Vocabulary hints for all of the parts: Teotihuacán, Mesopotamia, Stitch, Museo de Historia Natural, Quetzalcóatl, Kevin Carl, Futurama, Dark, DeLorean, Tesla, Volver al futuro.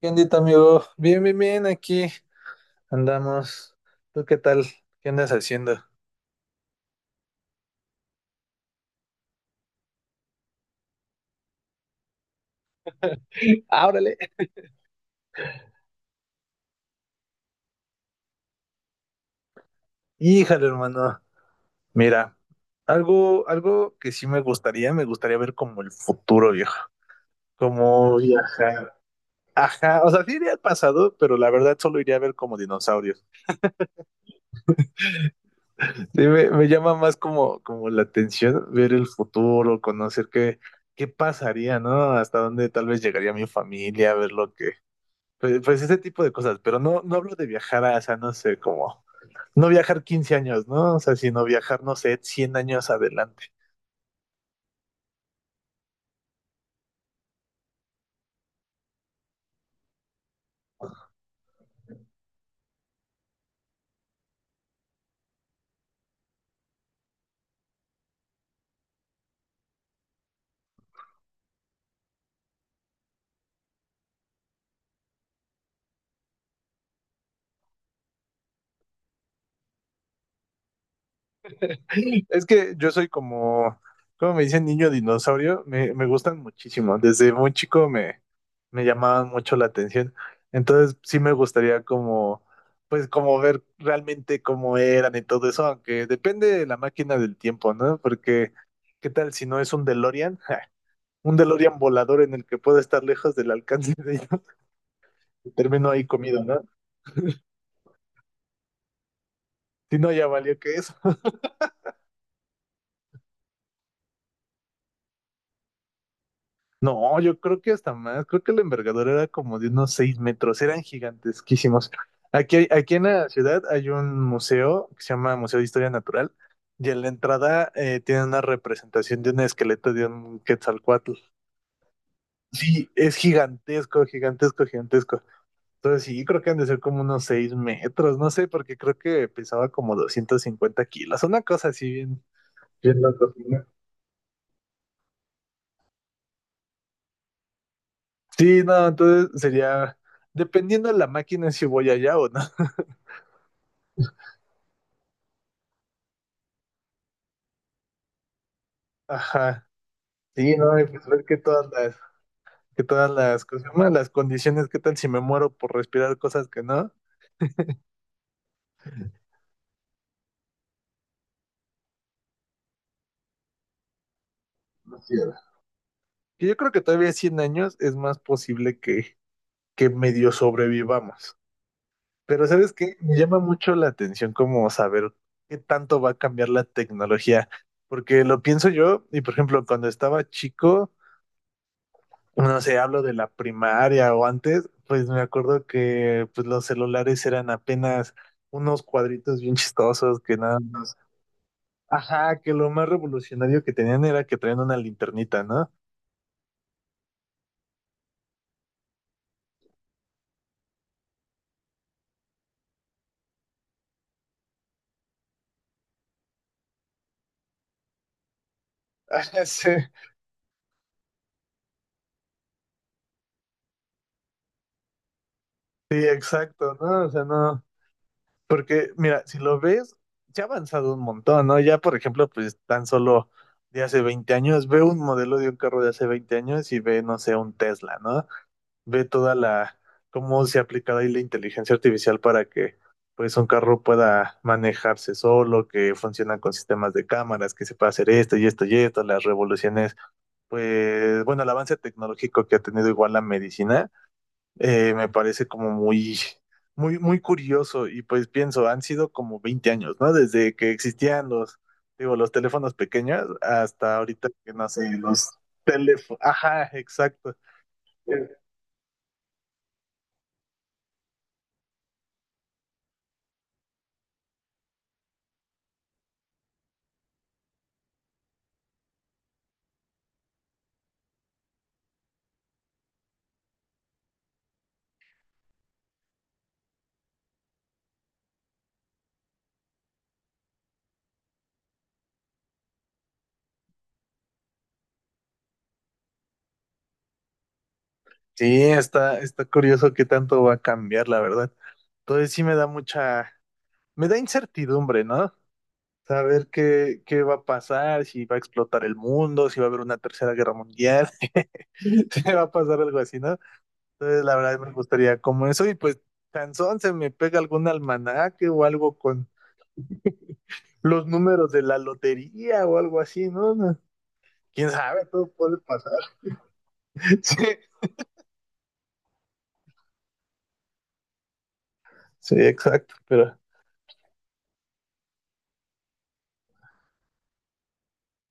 ¿Qué ondita, amigo? Bien, bien, bien, aquí andamos. ¿Tú qué tal? ¿Qué andas haciendo? Ah, órale. Híjale, hermano. Mira, algo que sí me gustaría ver como el futuro, viejo. Como viajar. Ajá, o sea, sí iría al pasado, pero la verdad solo iría a ver como dinosaurios. Sí, me llama más como, como la atención ver el futuro, conocer qué, qué pasaría, ¿no? Hasta dónde tal vez llegaría mi familia, ver lo que pues, pues ese tipo de cosas, pero no hablo de viajar a, o sea, no sé, como no viajar 15 años, ¿no? O sea, sino viajar, no sé, 100 años adelante. Es que yo soy como, como me dicen, niño dinosaurio, me gustan muchísimo. Desde muy chico me llamaban mucho la atención. Entonces sí me gustaría como, pues como ver realmente cómo eran y todo eso, aunque depende de la máquina del tiempo, ¿no? Porque, ¿qué tal si no es un DeLorean? Un DeLorean volador en el que puedo estar lejos del alcance de ellos. Terminó ahí comido, ¿no? Si no, ya valió que eso. No, yo creo que hasta más, creo que la envergadura era como de unos 6 metros, eran gigantesquísimos. Aquí, aquí en la ciudad hay un museo que se llama Museo de Historia Natural, y en la entrada tiene una representación de un esqueleto de un Quetzalcóatl. Sí, es gigantesco, gigantesco, gigantesco. Entonces sí, creo que han de ser como unos 6 metros, no sé, porque creo que pesaba como 250 kilos, una cosa así bien, bien loco, ¿no? Sí, no, entonces sería, dependiendo de la máquina, si voy allá o no. Ajá, sí, no, y pues ver que todas las cosas, bueno, las condiciones, qué tal si me muero por respirar cosas que no. No quiero. Que Yo creo que todavía 100 años es más posible que medio sobrevivamos. Pero ¿sabes qué? Me llama mucho la atención como saber qué tanto va a cambiar la tecnología. Porque lo pienso yo, y por ejemplo, cuando estaba chico, no sé, hablo de la primaria o antes, pues me acuerdo que pues los celulares eran apenas unos cuadritos bien chistosos que nada más. Ajá, que lo más revolucionario que tenían era que traían una linternita, ¿no? Ajá, sí, sí, exacto, ¿no? O sea, no, porque mira, si lo ves, ya ha avanzado un montón, ¿no? Ya, por ejemplo, pues tan solo de hace 20 años, ve un modelo de un carro de hace 20 años y ve, no sé, un Tesla, ¿no? Ve toda la, cómo se ha aplicado ahí la inteligencia artificial para que pues un carro pueda manejarse solo, que funciona con sistemas de cámaras, que se pueda hacer esto y esto y esto, las revoluciones, pues bueno, el avance tecnológico que ha tenido igual la medicina, me parece como muy, muy, muy curioso y pues pienso, han sido como 20 años, ¿no? Desde que existían los, digo, los teléfonos pequeños hasta ahorita que no sé, los teléfonos, ajá, exacto. Sí, está, está curioso qué tanto va a cambiar, la verdad. Entonces sí me da mucha, me da incertidumbre, ¿no? Saber qué, qué va a pasar, si va a explotar el mundo, si va a haber una tercera guerra mundial, si va a pasar algo así, ¿no? Entonces la verdad me gustaría como eso y pues cansón se me pega algún almanaque o algo con los números de la lotería o algo así, ¿no? No, ¿quién sabe? Todo puede pasar. Sí, sí, exacto, pero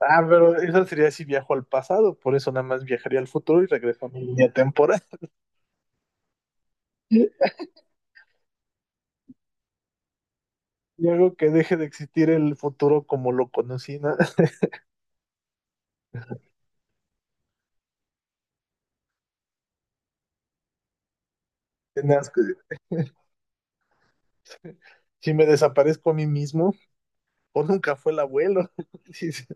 ah, pero eso sería si viajo al pasado, por eso nada más viajaría al futuro y regreso a mi línea temporal. Y hago que deje de existir el futuro como lo conocí, ¿no? Nada más que si me desaparezco a mí mismo, o nunca fue el abuelo. Dice,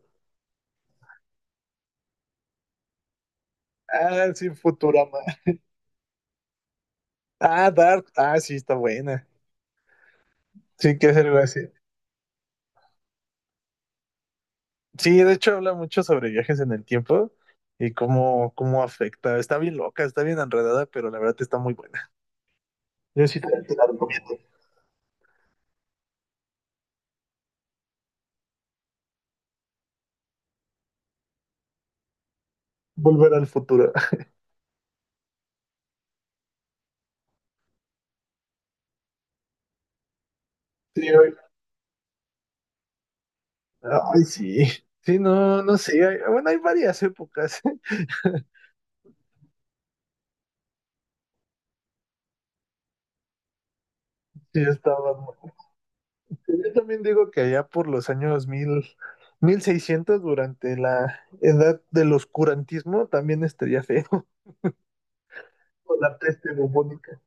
ah, sí, Futurama. Ah, Dark. Ah, sí, está buena. Sí, que es algo así. Sí, de hecho habla mucho sobre viajes en el tiempo y cómo, cómo afecta. Está bien loca, está bien enredada, pero la verdad está muy buena. Yo sí te la recomiendo. Volver al futuro. Sí, ay, sí. Sí, no, no sé. Bueno, hay varias épocas. Sí, estaban. Yo también digo que allá por los años 1600 durante la edad del oscurantismo, también estaría feo. O la peste bubónica.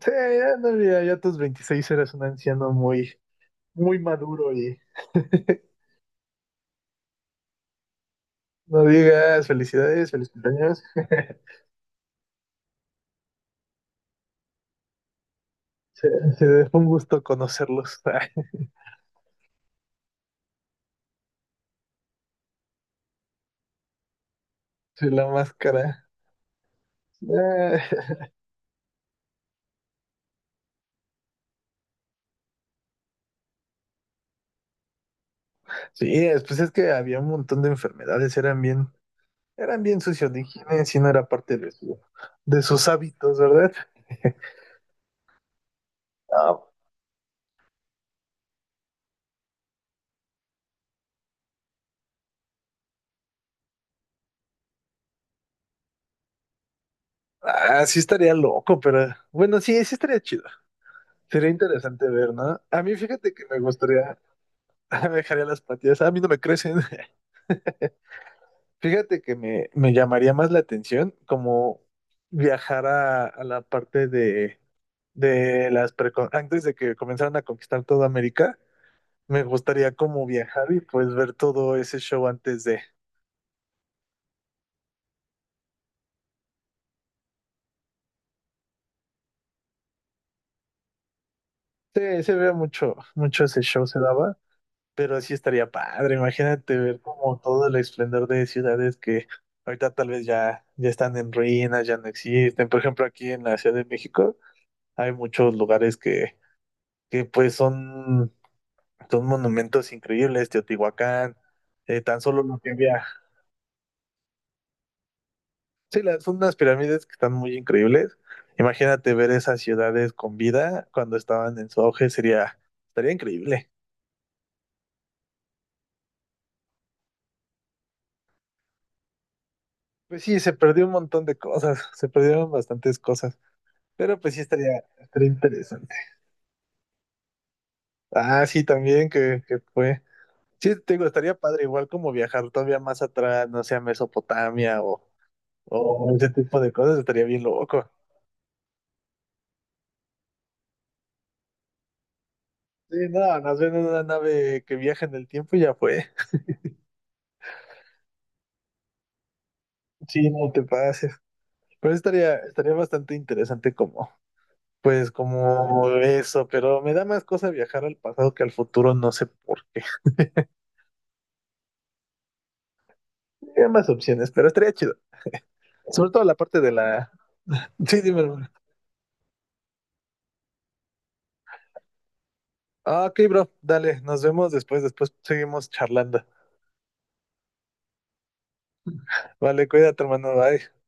Sí, ya, no, ya, ya a tus 26 eras un anciano muy, muy maduro y no digas felicidades, feliz cumpleaños. Se, se fue un gusto conocerlos. Ay, sí, la máscara. Ah, sí, pues es que había un montón de enfermedades, eran bien sucios de higiene, si no era parte de su, de sus hábitos, ¿verdad? Ah, ah, sí estaría loco, pero bueno, sí, sí estaría chido. Sería interesante ver, ¿no? A mí fíjate que me gustaría, me dejaría las patillas, a mí no me crecen. Fíjate que me llamaría más la atención como viajar a la parte de las antes de que comenzaran a conquistar toda América. Me gustaría como viajar y pues ver todo ese show antes de... Sí, se ve mucho, mucho ese show se daba, pero sí estaría padre. Imagínate ver como todo el esplendor de ciudades que ahorita tal vez ya, ya están en ruinas, ya no existen. Por ejemplo, aquí en la Ciudad de México hay muchos lugares que pues son, son monumentos increíbles, Teotihuacán, tan solo lo que había. Sí, son unas pirámides que están muy increíbles. Imagínate ver esas ciudades con vida cuando estaban en su auge, sería, estaría increíble. Pues sí, se perdió un montón de cosas, se perdieron bastantes cosas, pero pues sí estaría, estaría interesante. Ah, sí, también que fue. Sí, te digo, estaría padre, igual como viajar todavía más atrás, no sé, a Mesopotamia o ese tipo de cosas, estaría bien loco. Sí, no, nos ven en una nave que viaja en el tiempo y ya fue. Sí, no te pases. Pero sí estaría, estaría bastante interesante como, pues, como eso, pero me da más cosa viajar al pasado que al futuro, no sé por qué. Hay más opciones, pero estaría chido. Sobre todo la parte de la... Sí, dime, hermano. Ah, ok, bro, dale, nos vemos después, después seguimos charlando. Vale, cuídate, hermano, bye.